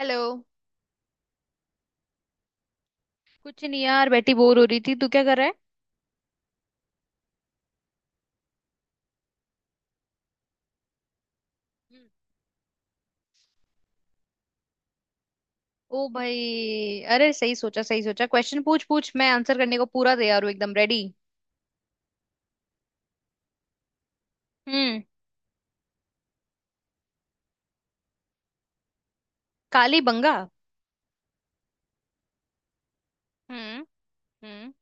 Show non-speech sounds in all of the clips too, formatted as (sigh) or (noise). Hello. कुछ नहीं यार बैठी बोर हो रही थी। तू क्या कर रहा है। हम्म। ओ भाई अरे सही सोचा क्वेश्चन पूछ पूछ मैं आंसर करने को पूरा तैयार हूँ एकदम रेडी। हम्म। काली बंगा। हम्म। हम्म।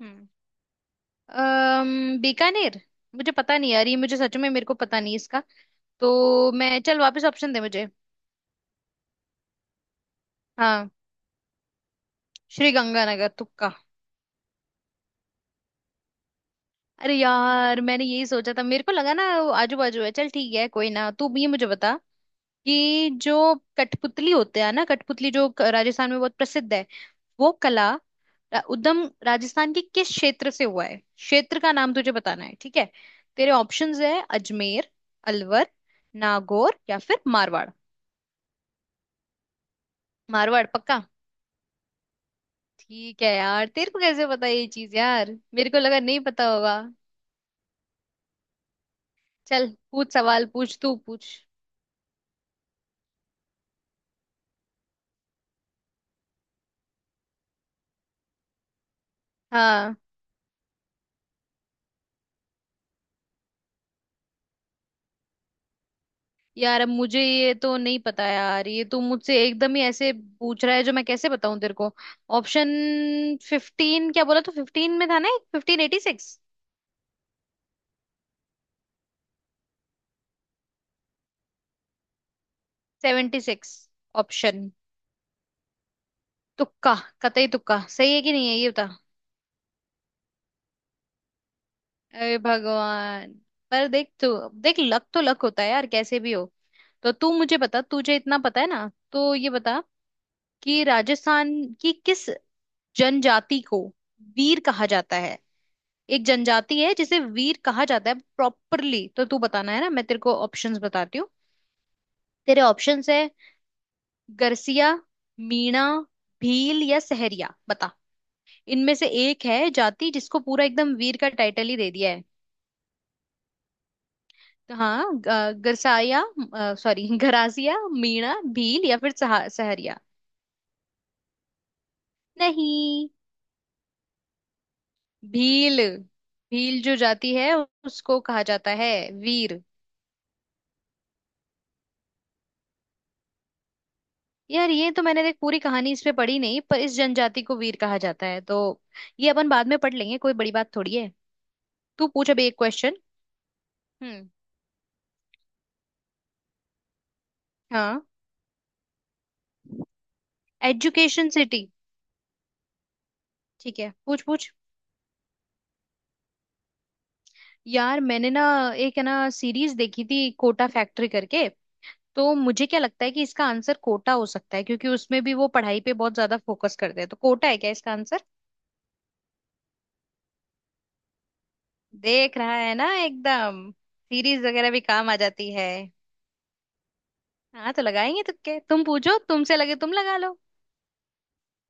हम्म। बीकानेर। मुझे पता नहीं यार। ये मुझे सच में मेरे को पता नहीं इसका। तो मैं चल वापस ऑप्शन दे मुझे। हाँ। श्री गंगानगर तुक्का। अरे यार मैंने यही सोचा था। मेरे को लगा ना वो आजू बाजू है। चल ठीक है कोई ना। तू ये मुझे बता कि जो कठपुतली होते हैं ना कठपुतली जो राजस्थान में बहुत प्रसिद्ध है। वो कला उद्गम राजस्थान के किस क्षेत्र से हुआ है। क्षेत्र का नाम तुझे बताना है ठीक है। तेरे ऑप्शंस है। अजमेर, अलवर, नागौर या फिर मारवाड़। मारवाड़ पक्का। ठीक है यार तेरे को कैसे पता ये चीज। यार मेरे को लगा नहीं पता होगा। चल पूछ सवाल पूछ तू पूछ। हाँ। यार अब मुझे ये तो नहीं पता। यार ये तो मुझसे एकदम ही ऐसे पूछ रहा है जो मैं कैसे बताऊं तेरे को। ऑप्शन फिफ्टीन क्या बोला। तो फिफ्टीन में था ना एक fifteen eighty six. Seventy six. Option. तुक्का कतई तुक्का सही है कि नहीं है ये बता। अरे भगवान। पर देख तू। देख लक तो लक होता है यार कैसे भी हो। तो तू मुझे बता। तुझे इतना पता है ना तो ये बता कि राजस्थान की किस जनजाति को वीर कहा जाता है। एक जनजाति है जिसे वीर कहा जाता है प्रॉपरली। तो तू बताना है ना मैं तेरे को ऑप्शंस बताती हूँ। तेरे ऑप्शंस है। गरसिया, मीणा, भील या सहरिया बता। इनमें से एक है जाति जिसको पूरा एकदम वीर का टाइटल ही दे दिया है। तो हाँ गरसाया सॉरी गरासिया, मीणा, भील (laughs) या फिर सहरिया। नहीं। भील। भील जो जाति है उसको कहा जाता है वीर। यार ये तो मैंने देख पूरी कहानी इस पे पढ़ी नहीं। पर इस जनजाति को वीर कहा जाता है तो ये अपन बाद में पढ़ लेंगे। कोई बड़ी बात थोड़ी है। तू पूछ अभी एक क्वेश्चन। हम्म। हाँ। Education city. ठीक है पूछ पूछ। यार मैंने ना एक है ना सीरीज देखी थी कोटा फैक्ट्री करके। तो मुझे क्या लगता है कि इसका आंसर कोटा हो सकता है क्योंकि उसमें भी वो पढ़ाई पे बहुत ज्यादा फोकस करते हैं। तो कोटा है क्या इसका आंसर। देख रहा है ना एकदम। सीरीज वगैरह भी काम आ जाती है। हाँ तो लगाएंगे तुक्के। तुम पूछो तुमसे लगे तुम लगा लो।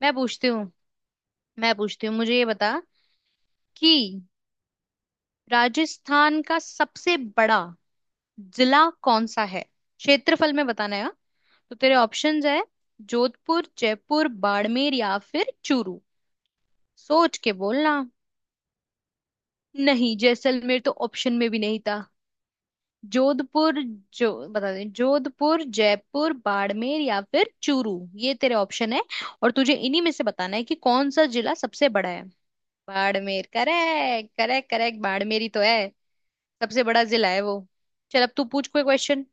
मैं पूछती हूँ। मैं पूछती हूँ मुझे ये बता कि राजस्थान का सबसे बड़ा जिला कौन सा है। क्षेत्रफल में बताना है हाँ? तो तेरे ऑप्शंस है। जोधपुर, जयपुर, बाड़मेर या फिर चूरू। सोच के बोलना। नहीं जैसलमेर तो ऑप्शन में भी नहीं था। जोधपुर जो बता दें, जोधपुर, जयपुर, बाड़मेर या फिर चूरू। ये तेरे ऑप्शन है। और तुझे इन्हीं में से बताना है कि कौन सा जिला सबसे बड़ा है। Barmer correct correct correct. Barmer ही तो है सबसे बड़ा जिला है वो। चल अब तू पूछ कोई क्वेश्चन।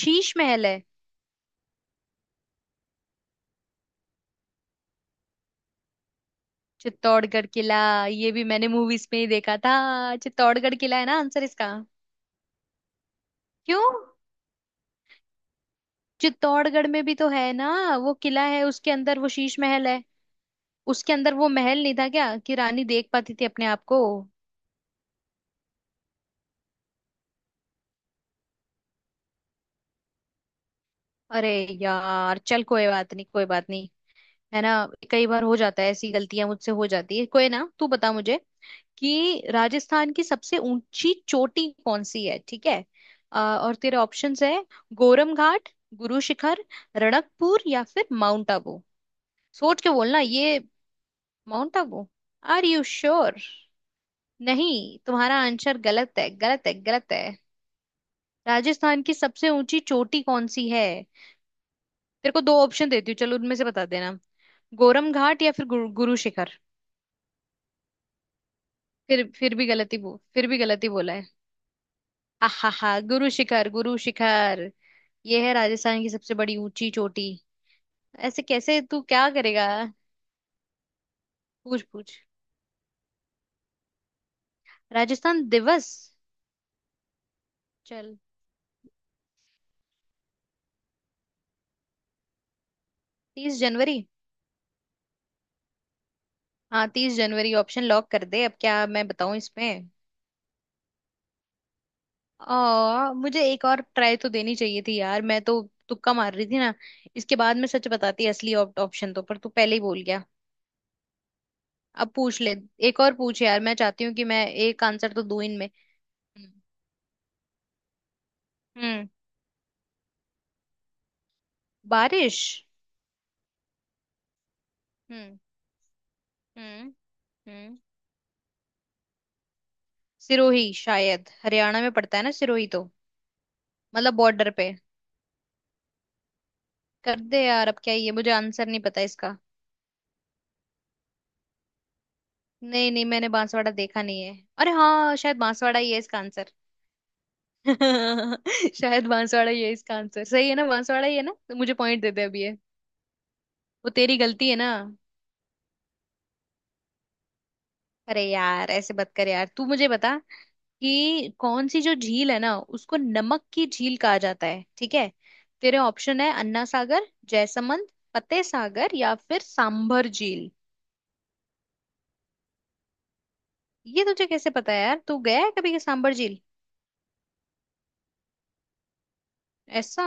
शीश महल है। चित्तौड़गढ़ किला। ये भी मैंने मूवीज में ही देखा था। चित्तौड़गढ़ किला है ना आंसर इसका। क्यों। चित्तौड़गढ़ में भी तो है ना। वो किला है उसके अंदर वो शीश महल है। उसके अंदर वो महल नहीं था क्या कि रानी देख पाती थी अपने आप को। अरे यार चल कोई बात नहीं है ना। कई बार हो जाता है ऐसी गलतियां मुझसे हो जाती है। कोई ना तू बता मुझे कि राजस्थान की सबसे ऊंची चोटी कौन सी है ठीक है। और तेरे ऑप्शंस है। गोरम घाट, गुरु शिखर, रणकपुर या फिर माउंट आबू। सोच के बोलना ये। Mount Abu. Are you sure. नहीं तुम्हारा आंसर गलत है गलत है गलत है। राजस्थान की सबसे ऊंची चोटी कौन सी है। तेरे को दो ऑप्शन देती हूँ चलो उनमें से बता देना। गोरम घाट या फिर गुरु शिखर। फिर भी गलती बोला है। आहा हा गुरु शिखर गुरु शिखर। ये है राजस्थान की सबसे बड़ी ऊंची चोटी। ऐसे कैसे तू क्या करेगा। पूछ पूछ। राजस्थान दिवस। चल। तीस जनवरी। हाँ तीस जनवरी ऑप्शन लॉक कर दे। अब क्या मैं बताऊं इसमें। मुझे एक और ट्राई तो देनी चाहिए थी यार। मैं तो तुक्का मार रही थी ना। इसके बाद मैं सच बताती असली ऑप्शन तो। पर तू पहले ही बोल गया। अब पूछ ले। एक और पूछ यार मैं चाहती हूँ कि मैं एक आंसर तो दूं इनमें। हम्म। हम्म। बारिश। हम्म। हम्म। हम्म। सिरोही शायद हरियाणा में पड़ता है ना सिरोही तो। मतलब बॉर्डर पे। कर दे यार अब क्या ये मुझे आंसर नहीं पता इसका। नहीं नहीं मैंने बांसवाड़ा देखा नहीं है। अरे हाँ शायद बांसवाड़ा ही है इसका आंसर। (laughs) शायद बांसवाड़ा ही है इसका आंसर। सही है ना बांसवाड़ा ही है ना। तो मुझे पॉइंट दे दे अब ये। वो तेरी गलती है ना। अरे यार ऐसे मत कर। यार तू मुझे बता कि कौन सी जो झील है ना उसको नमक की झील कहा जाता है ठीक है। तेरे ऑप्शन है अन्ना सागर, जयसमंद, फतेह सागर या फिर सांभर झील। ये तुझे कैसे पता है यार। तू गया है कभी के सांबर झील। ऐसा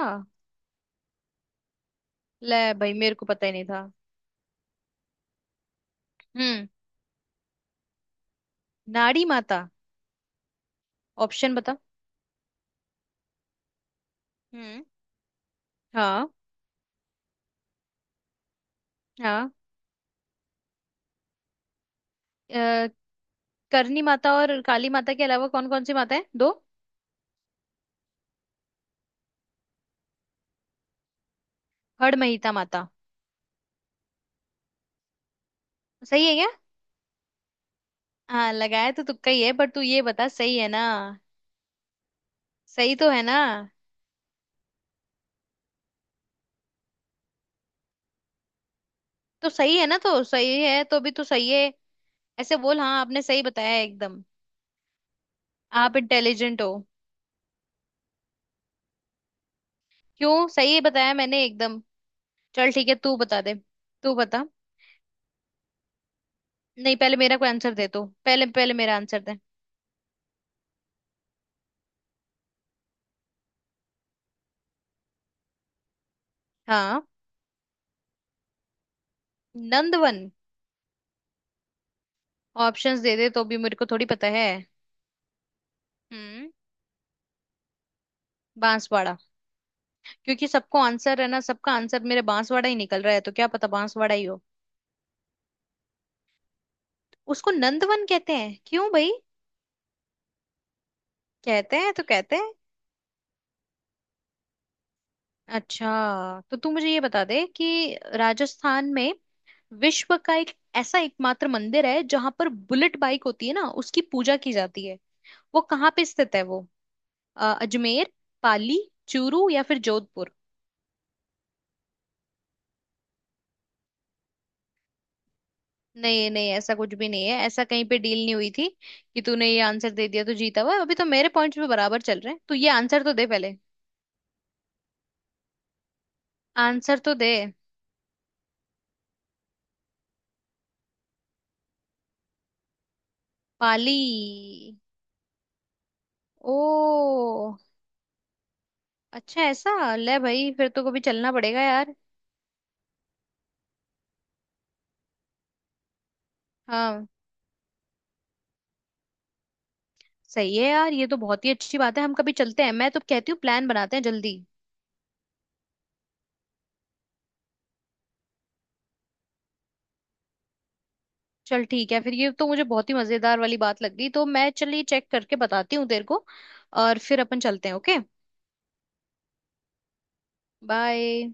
ले भाई मेरे को पता ही नहीं था। हम्म। नाड़ी माता। ऑप्शन बता। हम्म। हाँ। हाँ। अ, करणी माता और काली माता के अलावा कौन कौन सी माता है दो। हड़महीता माता। सही है क्या। हाँ लगाया तो तुक्का ही है पर तू ये बता सही है ना। सही तो है ना। तो सही है ना तो सही है तो भी तू सही है। ऐसे बोल हाँ आपने सही बताया है एकदम। आप इंटेलिजेंट हो। क्यों सही बताया मैंने एकदम। चल ठीक है तू बता दे। तू बता। नहीं पहले मेरा कोई आंसर दे तू पहले पहले मेरा आंसर दे। हाँ। नंदवन। ऑप्शंस दे दे तो भी मेरे को थोड़ी पता है। हम्म। बांसवाड़ा। क्योंकि सबको आंसर है ना सबका आंसर मेरे बांसवाड़ा ही निकल रहा है तो क्या पता बांसवाड़ा ही हो। उसको नंदवन कहते हैं क्यों भाई। कहते हैं तो कहते हैं। अच्छा तो तू मुझे ये बता दे कि राजस्थान में विश्व का एक ऐसा एकमात्र मंदिर है जहां पर बुलेट बाइक होती है ना उसकी पूजा की जाती है। वो कहाँ पे स्थित है वो। अजमेर, पाली, चूरू या फिर जोधपुर। नहीं नहीं ऐसा कुछ भी नहीं है। ऐसा कहीं पे डील नहीं हुई थी कि तूने ये आंसर दे दिया तो जीता हुआ। अभी तो मेरे पॉइंट्स पे बराबर चल रहे हैं। तू ये आंसर तो दे पहले। आंसर तो दे पाली। ओ अच्छा ऐसा। ले भाई फिर तो कभी चलना पड़ेगा यार। हाँ सही है यार ये तो बहुत ही अच्छी बात है। हम कभी चलते हैं। मैं तो कहती हूँ प्लान बनाते हैं जल्दी। चल ठीक है फिर। ये तो मुझे बहुत ही मजेदार वाली बात लग गई। तो मैं चलिए चेक करके बताती हूँ तेरे को। और फिर अपन चलते हैं ओके। बाय।